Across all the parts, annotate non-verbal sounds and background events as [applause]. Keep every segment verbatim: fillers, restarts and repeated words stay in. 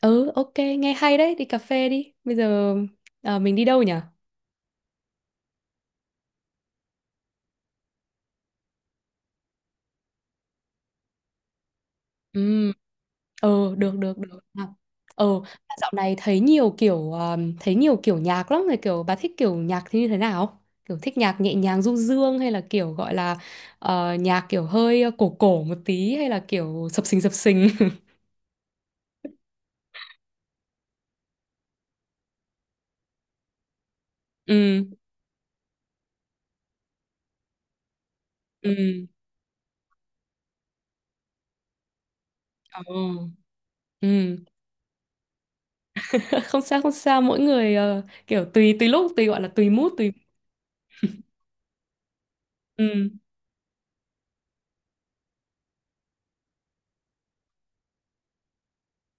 Ừ, ok, nghe hay đấy, đi cà phê đi. Bây giờ à, mình đi đâu nhỉ? Ừ, ừ, được, được, được. À, ừ, mà dạo này thấy nhiều kiểu, à, thấy nhiều kiểu nhạc lắm rồi, kiểu bà thích kiểu nhạc thì như thế nào? Kiểu thích nhạc nhẹ nhàng du dương hay là kiểu gọi là ờ, nhạc kiểu hơi ờ, cổ cổ một tí hay là kiểu sập sình sập sình? [laughs] Ừ, ừ, ờ, ừ. [laughs] Không sao, không sao, mỗi người ờ, kiểu tùy tùy lúc, tùy gọi là tùy mood, tùy... Ừ.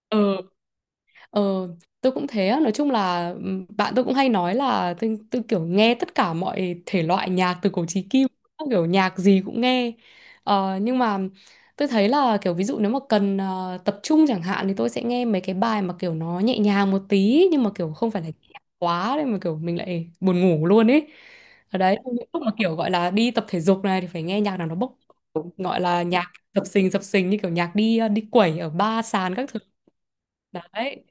Ờ. Ờ, tôi cũng thế á. Nói chung là ừm, bạn tôi cũng hay nói là tôi, tôi kiểu nghe tất cả mọi thể loại nhạc từ cổ chí kim, kiểu nhạc gì cũng nghe. Ờ, nhưng mà tôi thấy là kiểu ví dụ nếu mà cần ờ, tập trung chẳng hạn thì tôi sẽ nghe mấy cái bài mà kiểu nó nhẹ nhàng một tí nhưng mà kiểu không phải là nhẹ quá nên mà kiểu mình lại buồn ngủ luôn ấy. Ở đấy những lúc mà kiểu gọi là đi tập thể dục này thì phải nghe nhạc nào nó bốc, gọi là nhạc dập sình dập sình như kiểu nhạc đi ờ, đi quẩy ở ba sàn các thứ đấy.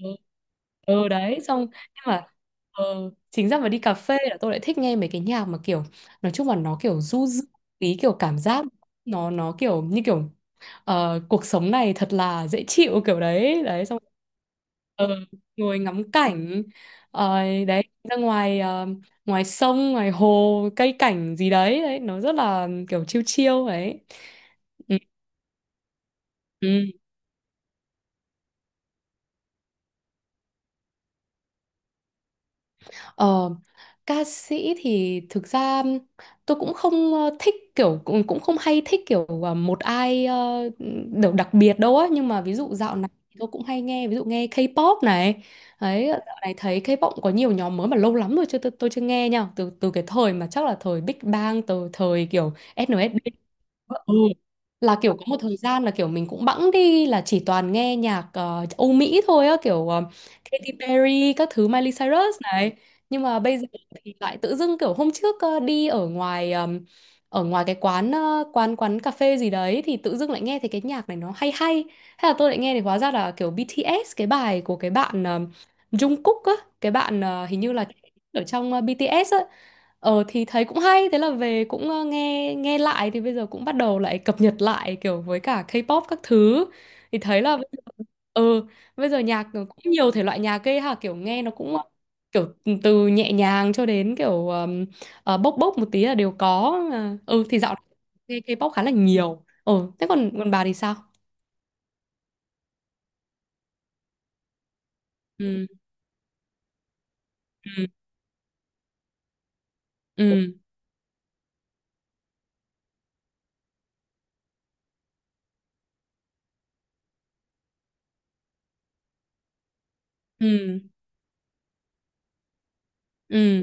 Ừ, ừ đấy, xong nhưng mà ừ, chính ra mà đi cà phê là tôi lại thích nghe mấy cái nhạc mà kiểu nói chung là nó kiểu du dương, ý kiểu cảm giác nó nó kiểu như kiểu ờ, cuộc sống này thật là dễ chịu kiểu đấy, đấy xong ờ, ngồi ngắm cảnh. Ờ, đấy ra ngoài ờ, ngoài sông ngoài hồ cây cảnh gì đấy, đấy nó rất là kiểu chill chill ấy. Ừ. Ừ. Ờ, ca sĩ thì thực ra tôi cũng không ờ, thích kiểu cũng cũng không hay thích kiểu ờ, một ai ờ, đều đặc biệt đâu á, nhưng mà ví dụ dạo này thì tôi cũng hay nghe, ví dụ nghe K-pop này đấy. Ờ, dạo này thấy K-pop cũng có nhiều nhóm mới mà lâu lắm rồi chưa, tôi, tôi chưa nghe nha, từ từ cái thời mà chắc là thời Big Bang, từ thời kiểu ét en ét đê. Ừ. Là kiểu có một thời gian là kiểu mình cũng bẵng đi là chỉ toàn nghe nhạc ờ, Âu Mỹ thôi á, kiểu ờ, Katy Perry các thứ, Miley Cyrus này. Nhưng mà bây giờ thì lại tự dưng kiểu hôm trước ờ, đi ở ngoài, ờm, ở ngoài cái quán ờ, quán quán cà phê gì đấy, thì tự dưng lại nghe thấy cái nhạc này nó hay hay, hay là tôi lại nghe thì hóa ra là kiểu bê tê ét, cái bài của cái bạn ờm, Jungkook á, cái bạn ờ, hình như là ở trong ờ, bê tê ét á. Ờ thì thấy cũng hay, thế là về cũng ờ, nghe nghe lại, thì bây giờ cũng bắt đầu lại cập nhật lại kiểu với cả K-pop các thứ, thì thấy là bây giờ- ừ bây giờ nhạc nó cũng nhiều thể loại nhạc ghê ha, kiểu nghe nó cũng kiểu ừ, từ nhẹ nhàng cho đến kiểu um, ờ, bốc bốc một tí là đều có. À, ừ thì dạo này nghe K-pop khá là nhiều. Ừ, thế còn còn bà thì sao? Ừ. Ừ. Ừ. Ừ. Ừ.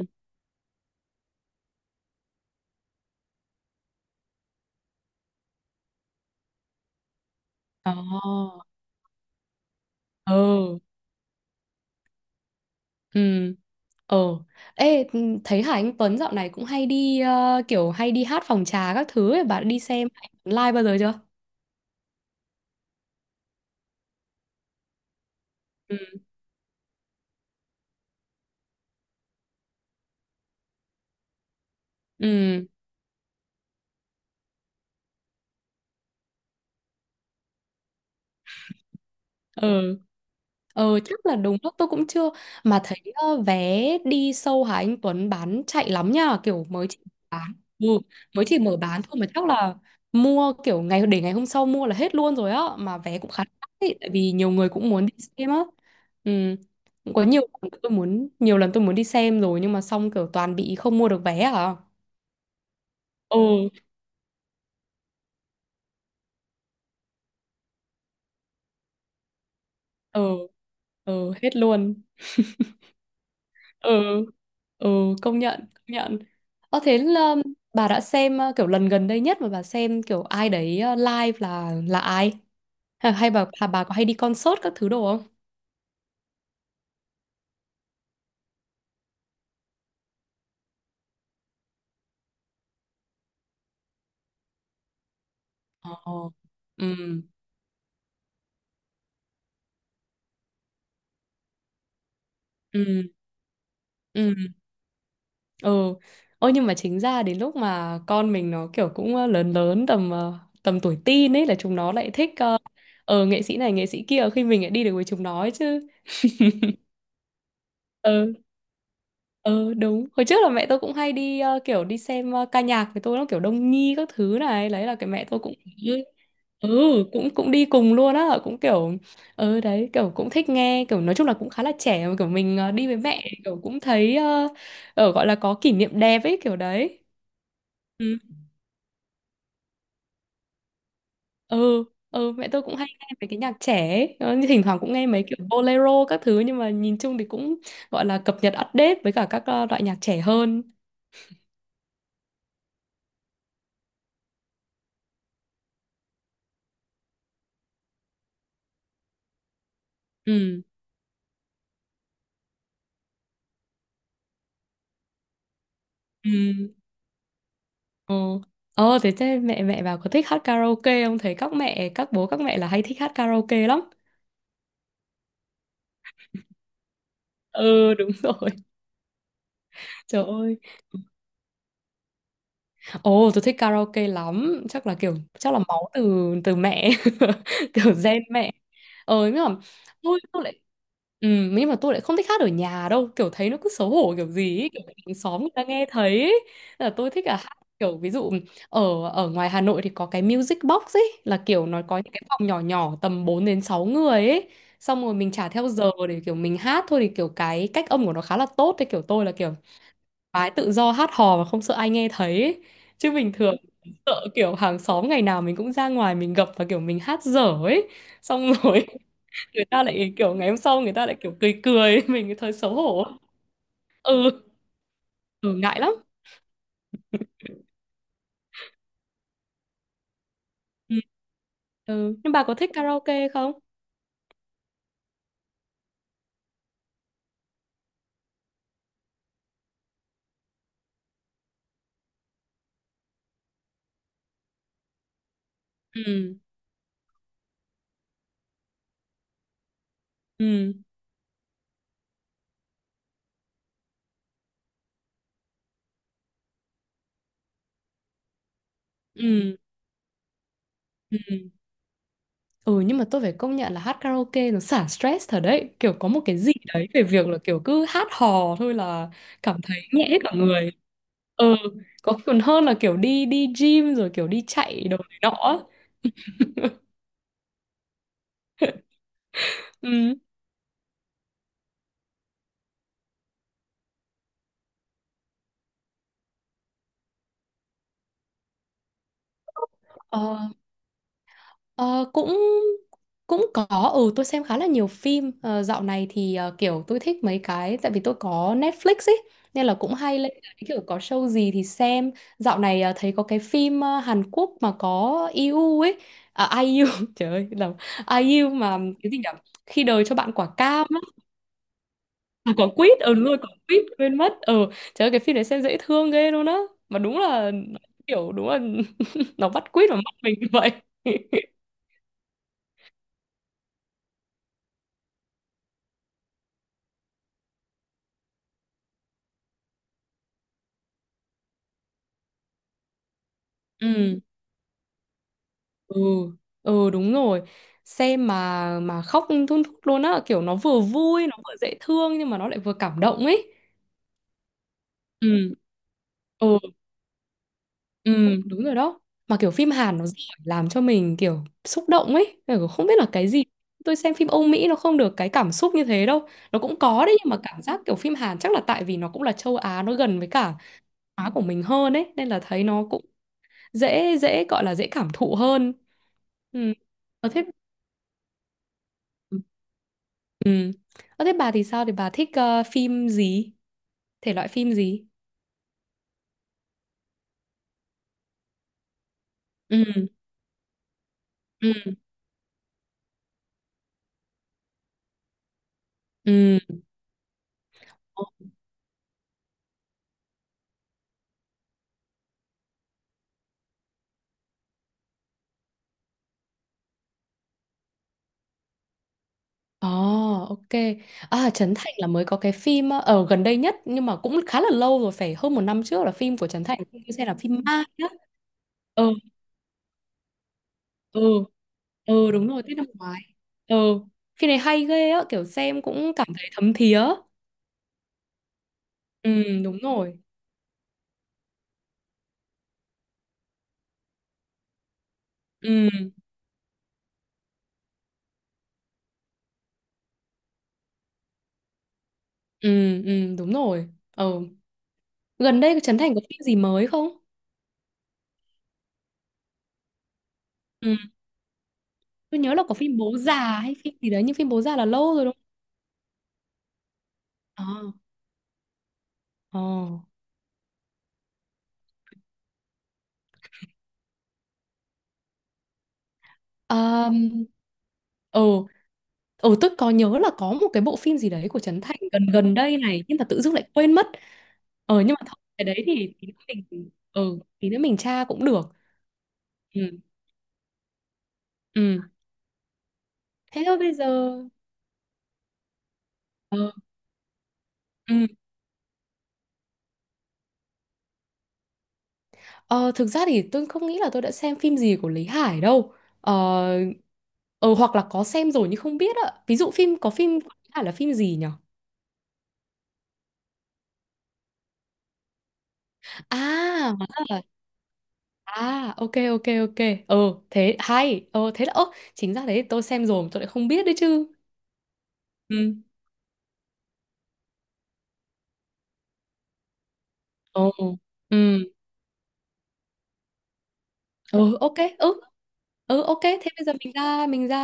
Ờ. Ừ. Ừ. Ờ. Ê, ừ, thấy Hà Anh Tuấn dạo này cũng hay đi ờ, kiểu hay đi hát phòng trà các thứ ấy. Bà đã đi xem live bao giờ chưa? Ừ. Ừ. Ừ. Ờ chắc là đúng lúc tôi cũng chưa, mà thấy ờ, vé đi show Hà Anh Tuấn bán chạy lắm nha, kiểu mới chỉ bán ừ, mới chỉ mở bán thôi, mà chắc là mua kiểu ngày, để ngày hôm sau mua là hết luôn rồi á, mà vé cũng khá đắt ấy, tại vì nhiều người cũng muốn đi xem á. Ừ. Cũng có nhiều lần tôi muốn nhiều lần tôi muốn đi xem rồi nhưng mà xong kiểu toàn bị không mua được vé à. Ừ. Ừ. Ừ, hết luôn. Ừ. Ừ, công nhận, công nhận. Ờ thế là bà đã xem ờ, kiểu lần gần đây nhất mà bà xem kiểu ai đấy ờ, live là là ai? Hay, hay bà, hay bà có hay đi concert các thứ đồ không? Ờ. Ừ. Ừ. Ừ. Ừ. Ôi nhưng mà chính ra đến lúc mà con mình nó kiểu cũng ờ, lớn lớn tầm ờ, tầm tuổi teen ấy, là chúng nó lại thích ờ ờ, nghệ sĩ này nghệ sĩ kia, khi mình lại đi được với chúng nó ấy chứ. Ừ. Ừ đúng, hồi trước là mẹ tôi cũng hay đi ờ, kiểu đi xem ờ, ca nhạc với tôi, nó kiểu Đông Nhi các thứ này, đấy là cái mẹ tôi cũng ừ cũng cũng đi cùng luôn á, cũng kiểu ừ đấy, kiểu cũng thích nghe, kiểu nói chung là cũng khá là trẻ mà, kiểu mình ờ, đi với mẹ kiểu cũng thấy ờ, ờ, gọi là có kỷ niệm đẹp ấy, kiểu đấy. Ừ. Ừ. Ừ, mẹ tôi cũng hay nghe mấy cái nhạc trẻ ấy. Ờ, như thỉnh thoảng cũng nghe mấy kiểu bolero các thứ, nhưng mà nhìn chung thì cũng gọi là cập nhật, update với cả các ờ, loại nhạc trẻ hơn. Ừ. Ừ. Ờ. Ờ thế, thế mẹ mẹ bảo có thích hát karaoke không? Thấy các mẹ, các bố các mẹ là hay thích hát karaoke lắm. Ừ đúng [laughs] rồi. Trời ơi. Ồ, tôi thích karaoke lắm, chắc là kiểu, chắc là máu từ từ mẹ, [laughs] kiểu gen mẹ. Ờ nhưng mà tôi tôi lại ừ, nhưng mà tôi lại không thích hát ở nhà đâu, kiểu thấy nó cứ xấu hổ kiểu gì ấy, kiểu bị hàng xóm người ta nghe thấy ấy. Là tôi thích là hát kiểu ví dụ ở ở ngoài Hà Nội thì có cái music box ấy, là kiểu nó có những cái phòng nhỏ nhỏ tầm bốn đến sáu người ấy. Xong rồi mình trả theo giờ để kiểu mình hát thôi, thì kiểu cái cách âm của nó khá là tốt, thế kiểu tôi là kiểu gái tự do hát hò mà không sợ ai nghe thấy ấy. Chứ bình thường sợ kiểu hàng xóm, ngày nào mình cũng ra ngoài mình gặp, và kiểu mình hát dở ấy, xong rồi [laughs] người ta lại kiểu ngày hôm sau người ta lại kiểu cười cười [laughs] mình thấy xấu hổ. Ừ, ừ ngại lắm. Ừ. Ừ. Nhưng bà có thích karaoke không? Ừ. Ừ. Ừ. Ừ. Ừ, nhưng mà tôi phải công nhận là hát karaoke nó xả stress thật đấy, kiểu có một cái gì đấy về việc là kiểu cứ hát hò thôi là cảm thấy nhẹ hết cả người. Ừ, có còn hơn là kiểu đi đi gym rồi kiểu đi chạy đồ này nọ á. [laughs] Ừ. Ờ, ờ, cũng cũng có, ừ tôi xem khá là nhiều phim. Ờ, dạo này thì ờ, kiểu tôi thích mấy cái, tại vì tôi có Netflix ấy nên là cũng hay lên, cái kiểu có show gì thì xem. Dạo này ờ, thấy có cái phim ờ, Hàn Quốc mà có ai u ấy, à, ai IU [laughs] trời ơi, là ai IU mà cái gì nhỉ, khi đời cho bạn quả cam. À, có quýt, ừ đúng rồi, có quýt, quên mất. Ừ, trời ơi cái phim này xem dễ thương ghê luôn á, mà đúng là, kiểu đúng là [laughs] nó bắt quýt vào mắt mình như vậy. [laughs] Ừ. Ừ. Ừ, đúng rồi, xem mà mà khóc thun thút luôn á, kiểu nó vừa vui nó vừa dễ thương nhưng mà nó lại vừa cảm động ấy. Ừ. Ừ. Ừ, đúng rồi đó. Mà kiểu phim Hàn nó giỏi làm cho mình kiểu xúc động ấy. Kiểu không biết là cái gì. Tôi xem phim Âu Mỹ nó không được cái cảm xúc như thế đâu. Nó cũng có đấy, nhưng mà cảm giác kiểu phim Hàn chắc là tại vì nó cũng là châu Á, nó gần với cả Á của mình hơn ấy, nên là thấy nó cũng dễ dễ, gọi là dễ cảm thụ hơn. Ừ. Ờ thế. Ừ. Ờ thế bà thì sao, thì bà thích ờ, phim gì? Thể loại phim gì? Ừ. Ừ. Ừ. Ồ, ok. À, Trấn Thành là mới có cái phim ờ, ở gần đây nhất nhưng mà cũng khá là lâu rồi, phải hơn một năm trước là phim của Trấn Thành, phim tôi xem là phim Ma nhá. Ừ, ừ, ừ đúng rồi, Tết năm ngoái. Ừ, phim này hay ghê á, kiểu xem cũng cảm thấy thấm thía. Ừ, đúng rồi. Ừ, ừ, ừ, đúng rồi. Ừ. Gần đây Trấn Thành có phim gì mới không? Ừ, tôi nhớ là có phim Bố Già hay phim gì đấy, nhưng phim Bố Già là lâu rồi đúng không? Ờ, ờ. Um, ừ ừ tôi có nhớ là có một cái bộ phim gì đấy của Trấn Thành gần gần đây này, nhưng mà tự dưng lại quên mất. Ờ nhưng mà thôi cái đấy thì tí nữa mình, ừ tí nữa mình tra cũng được. Ừ. Ừ thế thôi, bây giờ ờ, ừ. Ờ, thực ra thì tôi không nghĩ là tôi đã xem phim gì của Lý Hải đâu. Ờ, ờ hoặc là có xem rồi nhưng không biết ạ, ví dụ phim có phim của Lý Hải là phim gì nhỉ? À hóa ra là. À, ok ok ok. Ừ, thế hay. Ờ thế là ơ, chính ra đấy tôi xem rồi mà tôi lại không biết đấy chứ. Ừ. Ồ. Ừ. Ừ, ok. Ừ. Ừ, ok. Thế bây giờ mình ra, mình ra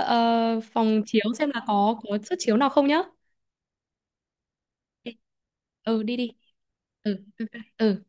ờ, phòng chiếu xem là có có suất chiếu nào không nhá. Ừ, đi đi. Ừ. Ừ.